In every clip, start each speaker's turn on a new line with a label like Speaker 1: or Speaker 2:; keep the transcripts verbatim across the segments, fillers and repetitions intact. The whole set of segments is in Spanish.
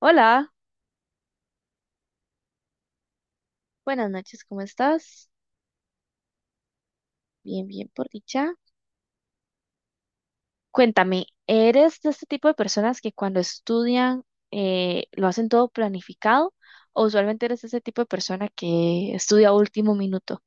Speaker 1: Hola, buenas noches, ¿cómo estás? Bien, bien, por dicha. Cuéntame, ¿eres de este tipo de personas que cuando estudian eh, lo hacen todo planificado o usualmente eres ese tipo de persona que estudia a último minuto?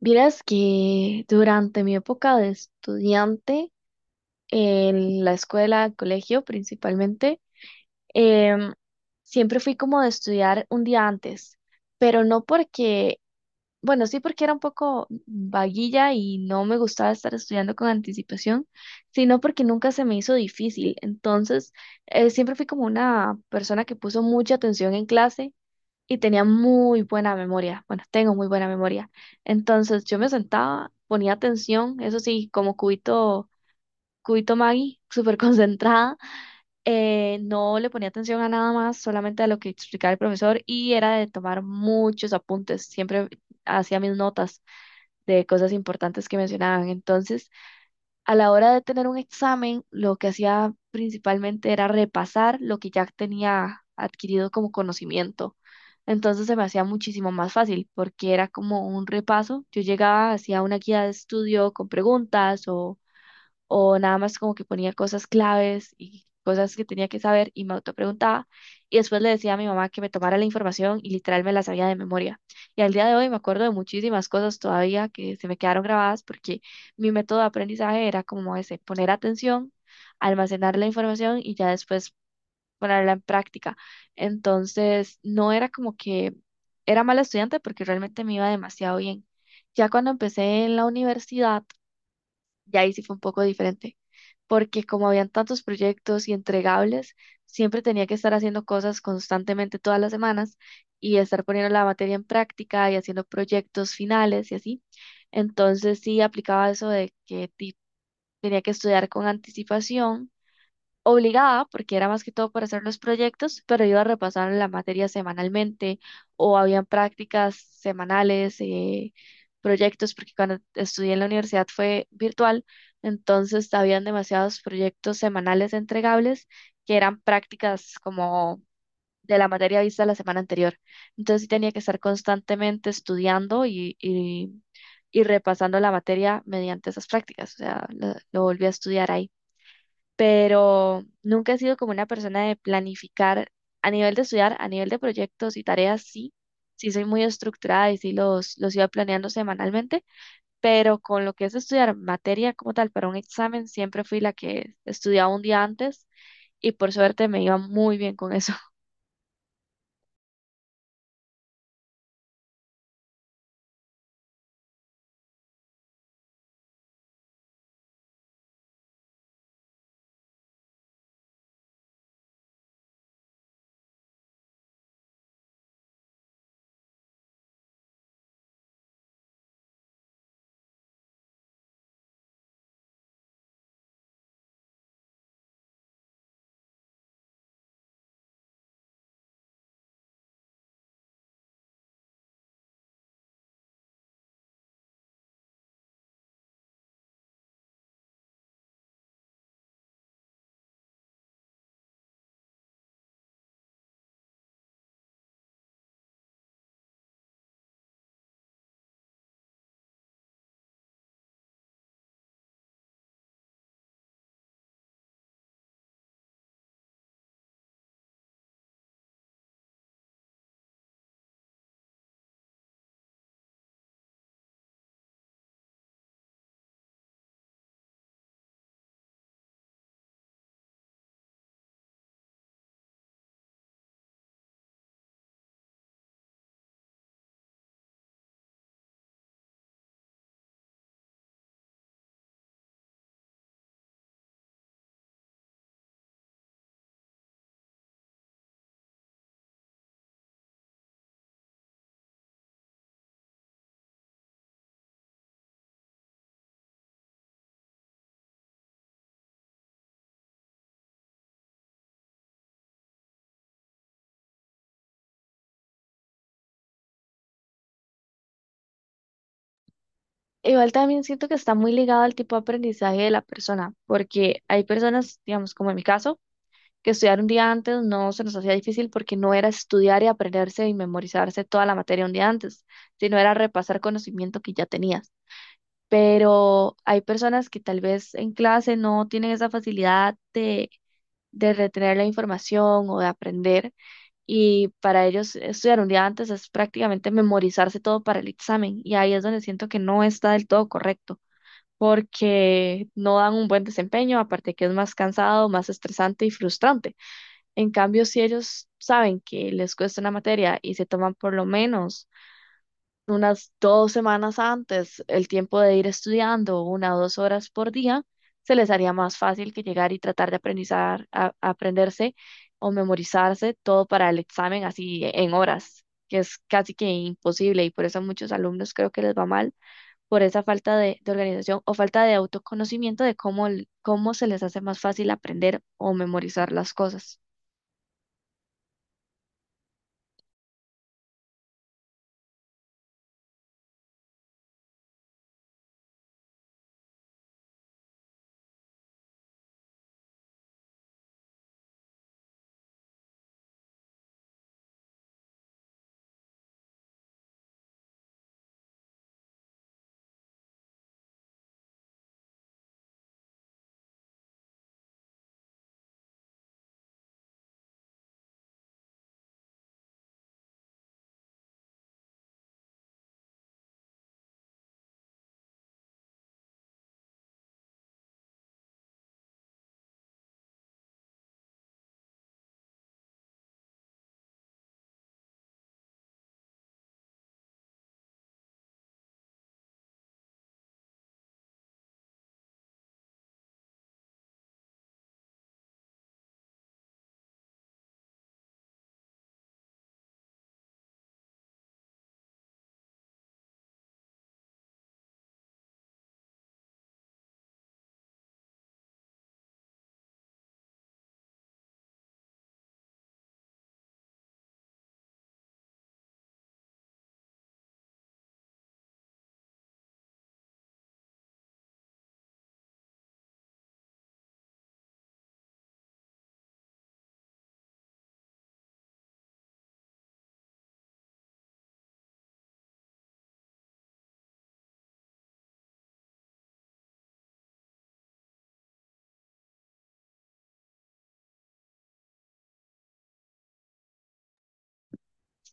Speaker 1: Vieras que durante mi época de estudiante, en la escuela, colegio principalmente, em, siempre fui como de estudiar un día antes, pero no porque Bueno, sí, porque era un poco vaguilla y no me gustaba estar estudiando con anticipación, sino porque nunca se me hizo difícil. Entonces, eh, siempre fui como una persona que puso mucha atención en clase y tenía muy buena memoria. Bueno, tengo muy buena memoria. Entonces, yo me sentaba, ponía atención, eso sí, como cubito, cubito Maggie, súper concentrada. Eh, no le ponía atención a nada más, solamente a lo que explicaba el profesor y era de tomar muchos apuntes. Siempre hacía mis notas de cosas importantes que mencionaban. Entonces, a la hora de tener un examen, lo que hacía principalmente era repasar lo que ya tenía adquirido como conocimiento. Entonces se me hacía muchísimo más fácil porque era como un repaso. Yo llegaba, hacía una guía de estudio con preguntas o o nada más como que ponía cosas claves y cosas que tenía que saber y me autopreguntaba y después le decía a mi mamá que me tomara la información y literal me la sabía de memoria. Y al día de hoy me acuerdo de muchísimas cosas todavía que se me quedaron grabadas porque mi método de aprendizaje era como ese, poner atención, almacenar la información y ya después ponerla en práctica. Entonces, no era como que era mala estudiante porque realmente me iba demasiado bien. Ya cuando empecé en la universidad, y ahí sí fue un poco diferente, porque como habían tantos proyectos y entregables, siempre tenía que estar haciendo cosas constantemente todas las semanas y estar poniendo la materia en práctica y haciendo proyectos finales y así. Entonces sí aplicaba eso de que ti- tenía que estudiar con anticipación obligada, porque era más que todo para hacer los proyectos, pero iba a repasar la materia semanalmente o habían prácticas semanales, eh, proyectos, porque cuando estudié en la universidad fue virtual, entonces habían demasiados proyectos semanales entregables que eran prácticas como de la materia vista la semana anterior. Entonces sí tenía que estar constantemente estudiando y, y, y repasando la materia mediante esas prácticas, o sea, lo lo volví a estudiar ahí, pero nunca he sido como una persona de planificar a nivel de estudiar. A nivel de proyectos y tareas, sí, sí soy muy estructurada y sí los, los iba planeando semanalmente, pero con lo que es estudiar materia como tal para un examen, siempre fui la que estudiaba un día antes y por suerte me iba muy bien con eso. Igual también siento que está muy ligado al tipo de aprendizaje de la persona, porque hay personas, digamos, como en mi caso, que estudiar un día antes no se nos hacía difícil porque no era estudiar y aprenderse y memorizarse toda la materia un día antes, sino era repasar conocimiento que ya tenías. Pero hay personas que tal vez en clase no tienen esa facilidad de, de retener la información o de aprender, y para ellos estudiar un día antes es prácticamente memorizarse todo para el examen y ahí es donde siento que no está del todo correcto porque no dan un buen desempeño, aparte que es más cansado, más estresante y frustrante. En cambio, si ellos saben que les cuesta una materia y se toman por lo menos unas dos semanas antes el tiempo de ir estudiando una o dos horas por día, se les haría más fácil que llegar y tratar de aprendizar, a- aprenderse o memorizarse todo para el examen así en horas, que es casi que imposible, y por eso a muchos alumnos creo que les va mal por esa falta de, de organización o falta de autoconocimiento de cómo, el- cómo se les hace más fácil aprender o memorizar las cosas.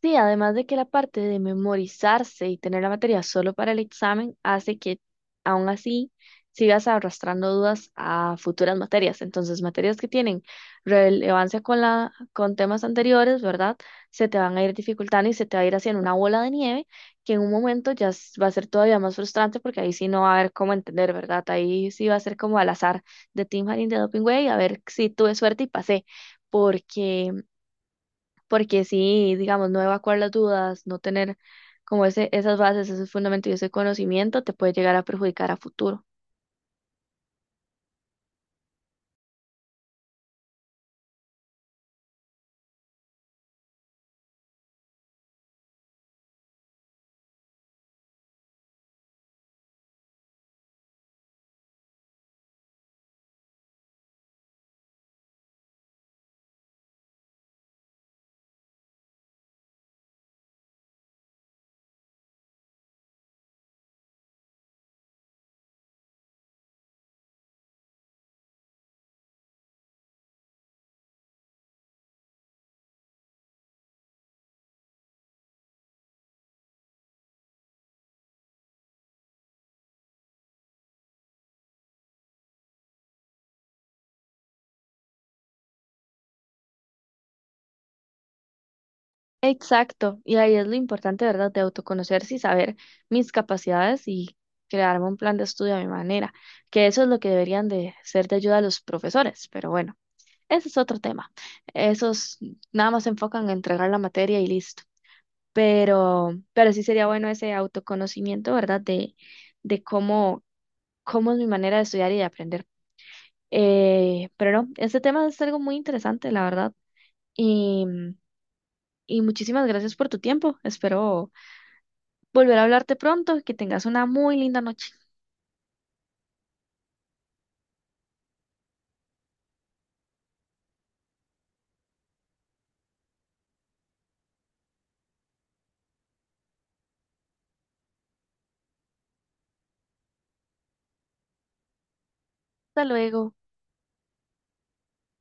Speaker 1: Sí, además de que la parte de memorizarse y tener la materia solo para el examen hace que aún así sigas arrastrando dudas a futuras materias. Entonces, materias que tienen relevancia con la, con temas anteriores, ¿verdad? Se te van a ir dificultando y se te va a ir haciendo una bola de nieve que en un momento ya s- va a ser todavía más frustrante porque ahí sí no va a haber cómo entender, ¿verdad? Ahí sí va a ser como al azar de Team Harin de Doping Way, a ver si tuve suerte y pasé, porque porque sí, digamos, no evacuar las dudas, no tener como ese, esas bases, ese fundamento y ese conocimiento te puede llegar a perjudicar a futuro. Exacto, y ahí es lo importante, ¿verdad?, de autoconocerse y saber mis capacidades y crearme un plan de estudio a mi manera, que eso es lo que deberían de ser de ayuda a los profesores, pero bueno, ese es otro tema. Esos nada más se enfocan en entregar la materia y listo. Pero, pero sí sería bueno ese autoconocimiento, ¿verdad? De, de cómo cómo es mi manera de estudiar y de aprender. Eh, pero no, este tema es algo muy interesante, la verdad. Y, y muchísimas gracias por tu tiempo. Espero volver a hablarte pronto y que tengas una muy linda noche. Hasta luego.